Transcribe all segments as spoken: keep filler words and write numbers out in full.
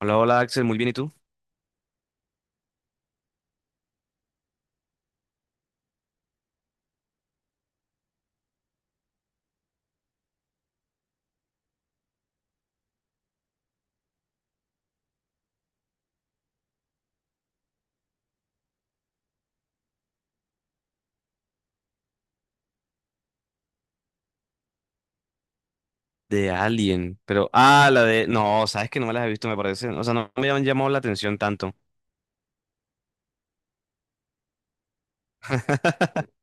Hola, hola Axel, muy bien, ¿y tú? De Alien, pero... Ah, la de... No, sabes que no me las he visto, me parece. O sea, no me han llamado la atención tanto.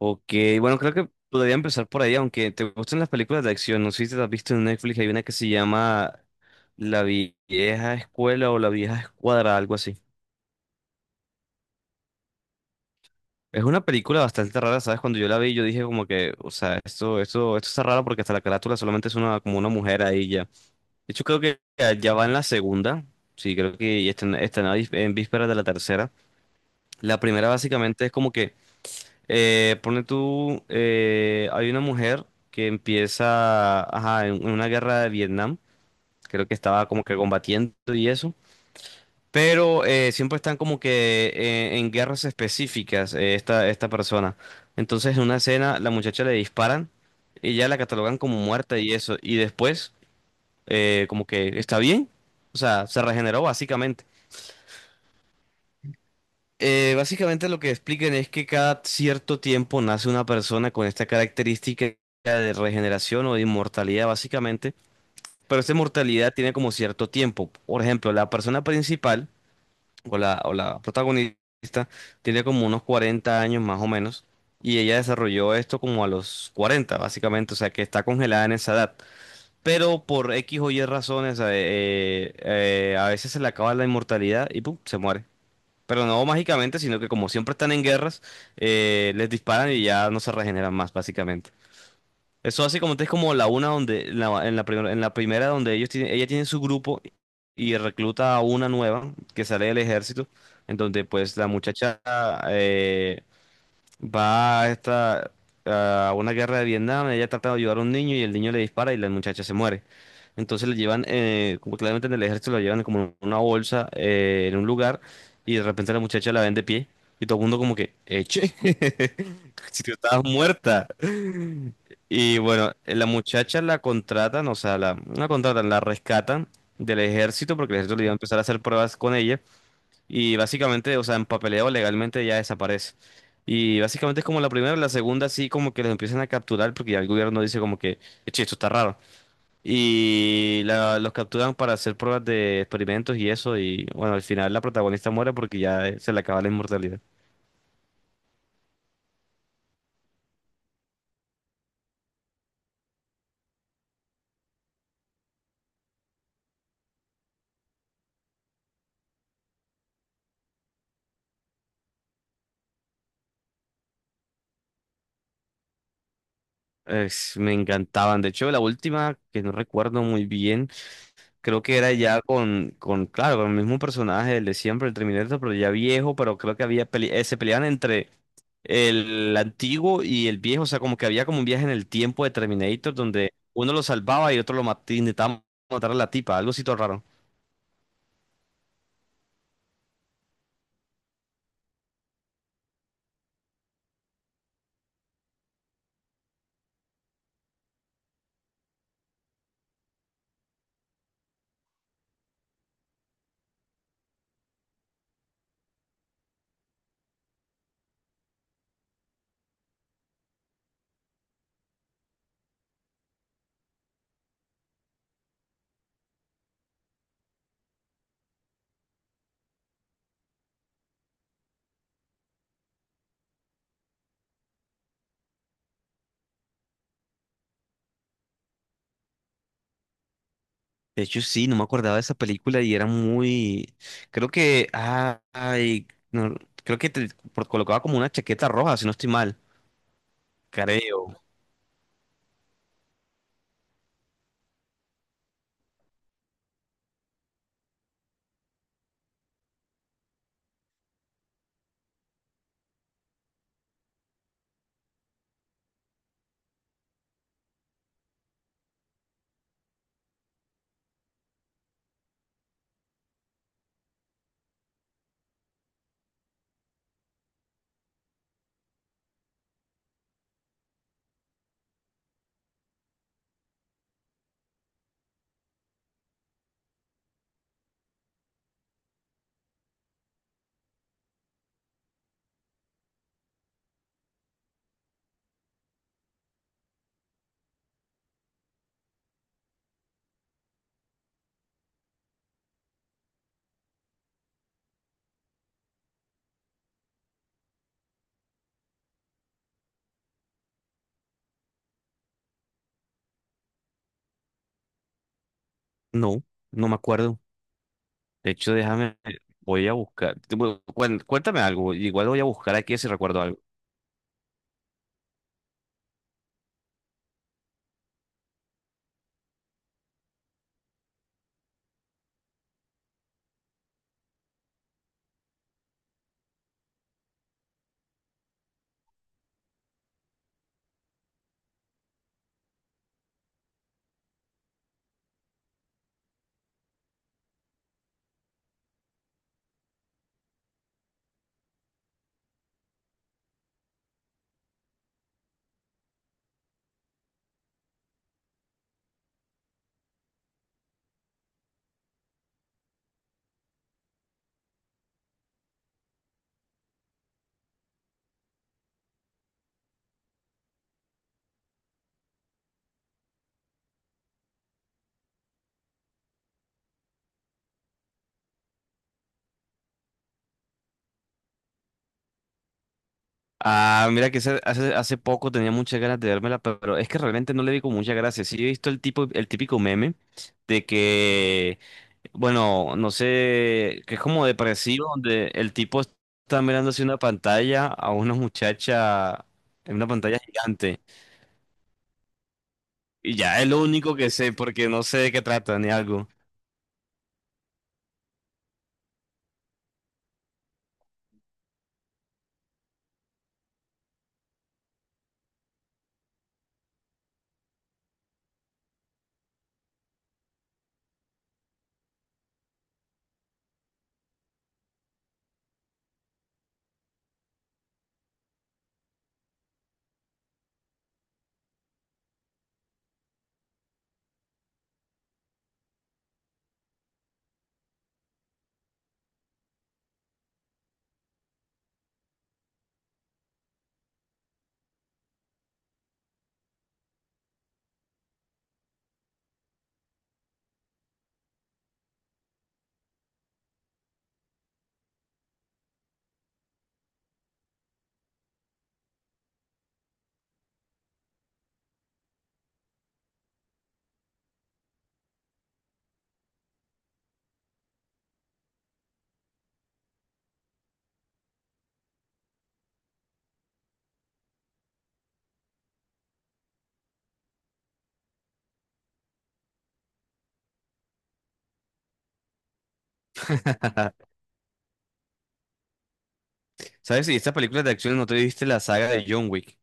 Ok, bueno, creo que podría empezar por ahí, aunque te gusten las películas de acción. No sé si te las has visto en Netflix, hay una que se llama La Vieja Escuela o La Vieja Escuadra, algo así. Es una película bastante rara, ¿sabes? Cuando yo la vi, yo dije como que, o sea, esto, esto, esto está raro porque hasta la carátula solamente es una, como una mujer ahí ya. De hecho, creo que ya ya va en la segunda. Sí, creo que ya está en, está en vísperas de la tercera. La primera básicamente es como que, eh, pone tú, eh, hay una mujer que empieza, ajá, en, en una guerra de Vietnam. Creo que estaba como que combatiendo y eso. Pero eh, siempre están como que eh, en guerras específicas eh, esta, esta persona. Entonces en una escena la muchacha le disparan y ya la catalogan como muerta y eso. Y después eh, como que está bien, o sea, se regeneró básicamente. Eh, básicamente lo que explican es que cada cierto tiempo nace una persona con esta característica de regeneración o de inmortalidad básicamente, pero esta inmortalidad tiene como cierto tiempo. Por ejemplo, la persona principal o la, o la protagonista tiene como unos cuarenta años más o menos y ella desarrolló esto como a los cuarenta básicamente, o sea que está congelada en esa edad. Pero por X o Y razones, eh, eh, eh, a veces se le acaba la inmortalidad y pum, se muere. Pero no mágicamente, sino que como siempre están en guerras, eh, les disparan y ya no se regeneran más, básicamente. Eso así como es como la una donde, la- en la, primer- en la primera donde ellos tienen, ella tiene su grupo y recluta a una nueva que sale del ejército, en donde pues la muchacha, eh, Va a esta, a una guerra de Vietnam, ella trata de ayudar a un niño y el niño le dispara y la muchacha se muere. Entonces le llevan, eh, como claramente en el ejército, la llevan como en una bolsa eh, en un lugar y de repente la muchacha la ven de pie y todo el mundo como que, eche, si tú estabas muerta. Y bueno, la muchacha la contratan, o sea, la, no la contratan, la rescatan del ejército porque el ejército le iba a empezar a hacer pruebas con ella. Y básicamente, o sea, en papeleo legalmente ya desaparece. Y básicamente es como la primera, la segunda sí como que los empiezan a capturar porque ya el gobierno dice como que, "Eche, esto está raro. Y la- los capturan para hacer pruebas de experimentos y eso. Y bueno, al final la protagonista muere porque ya eh, se le acaba la inmortalidad. Es- me encantaban. De hecho, la última, que no recuerdo muy bien. Creo que era ya con, con, claro, con el mismo personaje, el de siempre, el Terminator, pero ya viejo, pero creo que había pele- eh, se peleaban entre el antiguo y el viejo, o sea, como que había como un viaje en el tiempo de Terminator donde uno lo salvaba y otro lo mataba, intentaba matar a la tipa, algo así todo raro. De hecho, sí, no me acordaba de esa película y era muy, creo que, ah, ay, no, creo que te por- colocaba como una chaqueta roja, si no estoy mal, creo, no, no me acuerdo. De hecho, déjame, voy a buscar. Bueno, cuen- cuéntame algo, igual voy a buscar aquí si recuerdo algo. Ah, mira que ese- hace, hace poco tenía muchas ganas de vérmela, pero es que realmente no le di con mucha gracia. Sí he visto el tipo, el típico meme de que, bueno, no sé, que es como depresivo, donde el tipo está mirando hacia una pantalla a una muchacha en una pantalla gigante. Y ya es lo único que sé, porque no sé de qué trata ni algo. ¿Sabes? Y esta película de acción, ¿no te viste la saga de John Wick?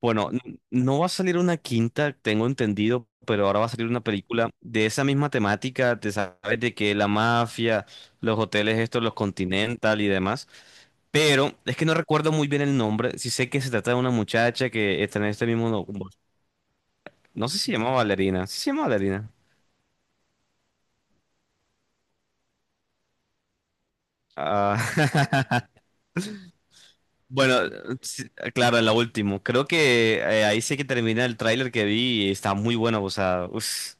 Bueno, n- no va a salir una quinta, tengo entendido, pero ahora va a salir una película de esa misma temática, te sabes de que la mafia, los hoteles estos, los Continental y demás, pero es que no recuerdo muy bien el nombre, sí sé que se trata de una muchacha que está en este mismo, no, no sé si se llama Valerina, sí se llama Valerina. Ah, Bueno, sí, claro, en la última. Creo que eh, ahí sí que termina el tráiler que vi y está muy bueno, o sea, uf.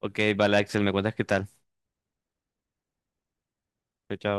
Ok, vale, Axel, ¿me cuentas qué tal? Chao. Chao.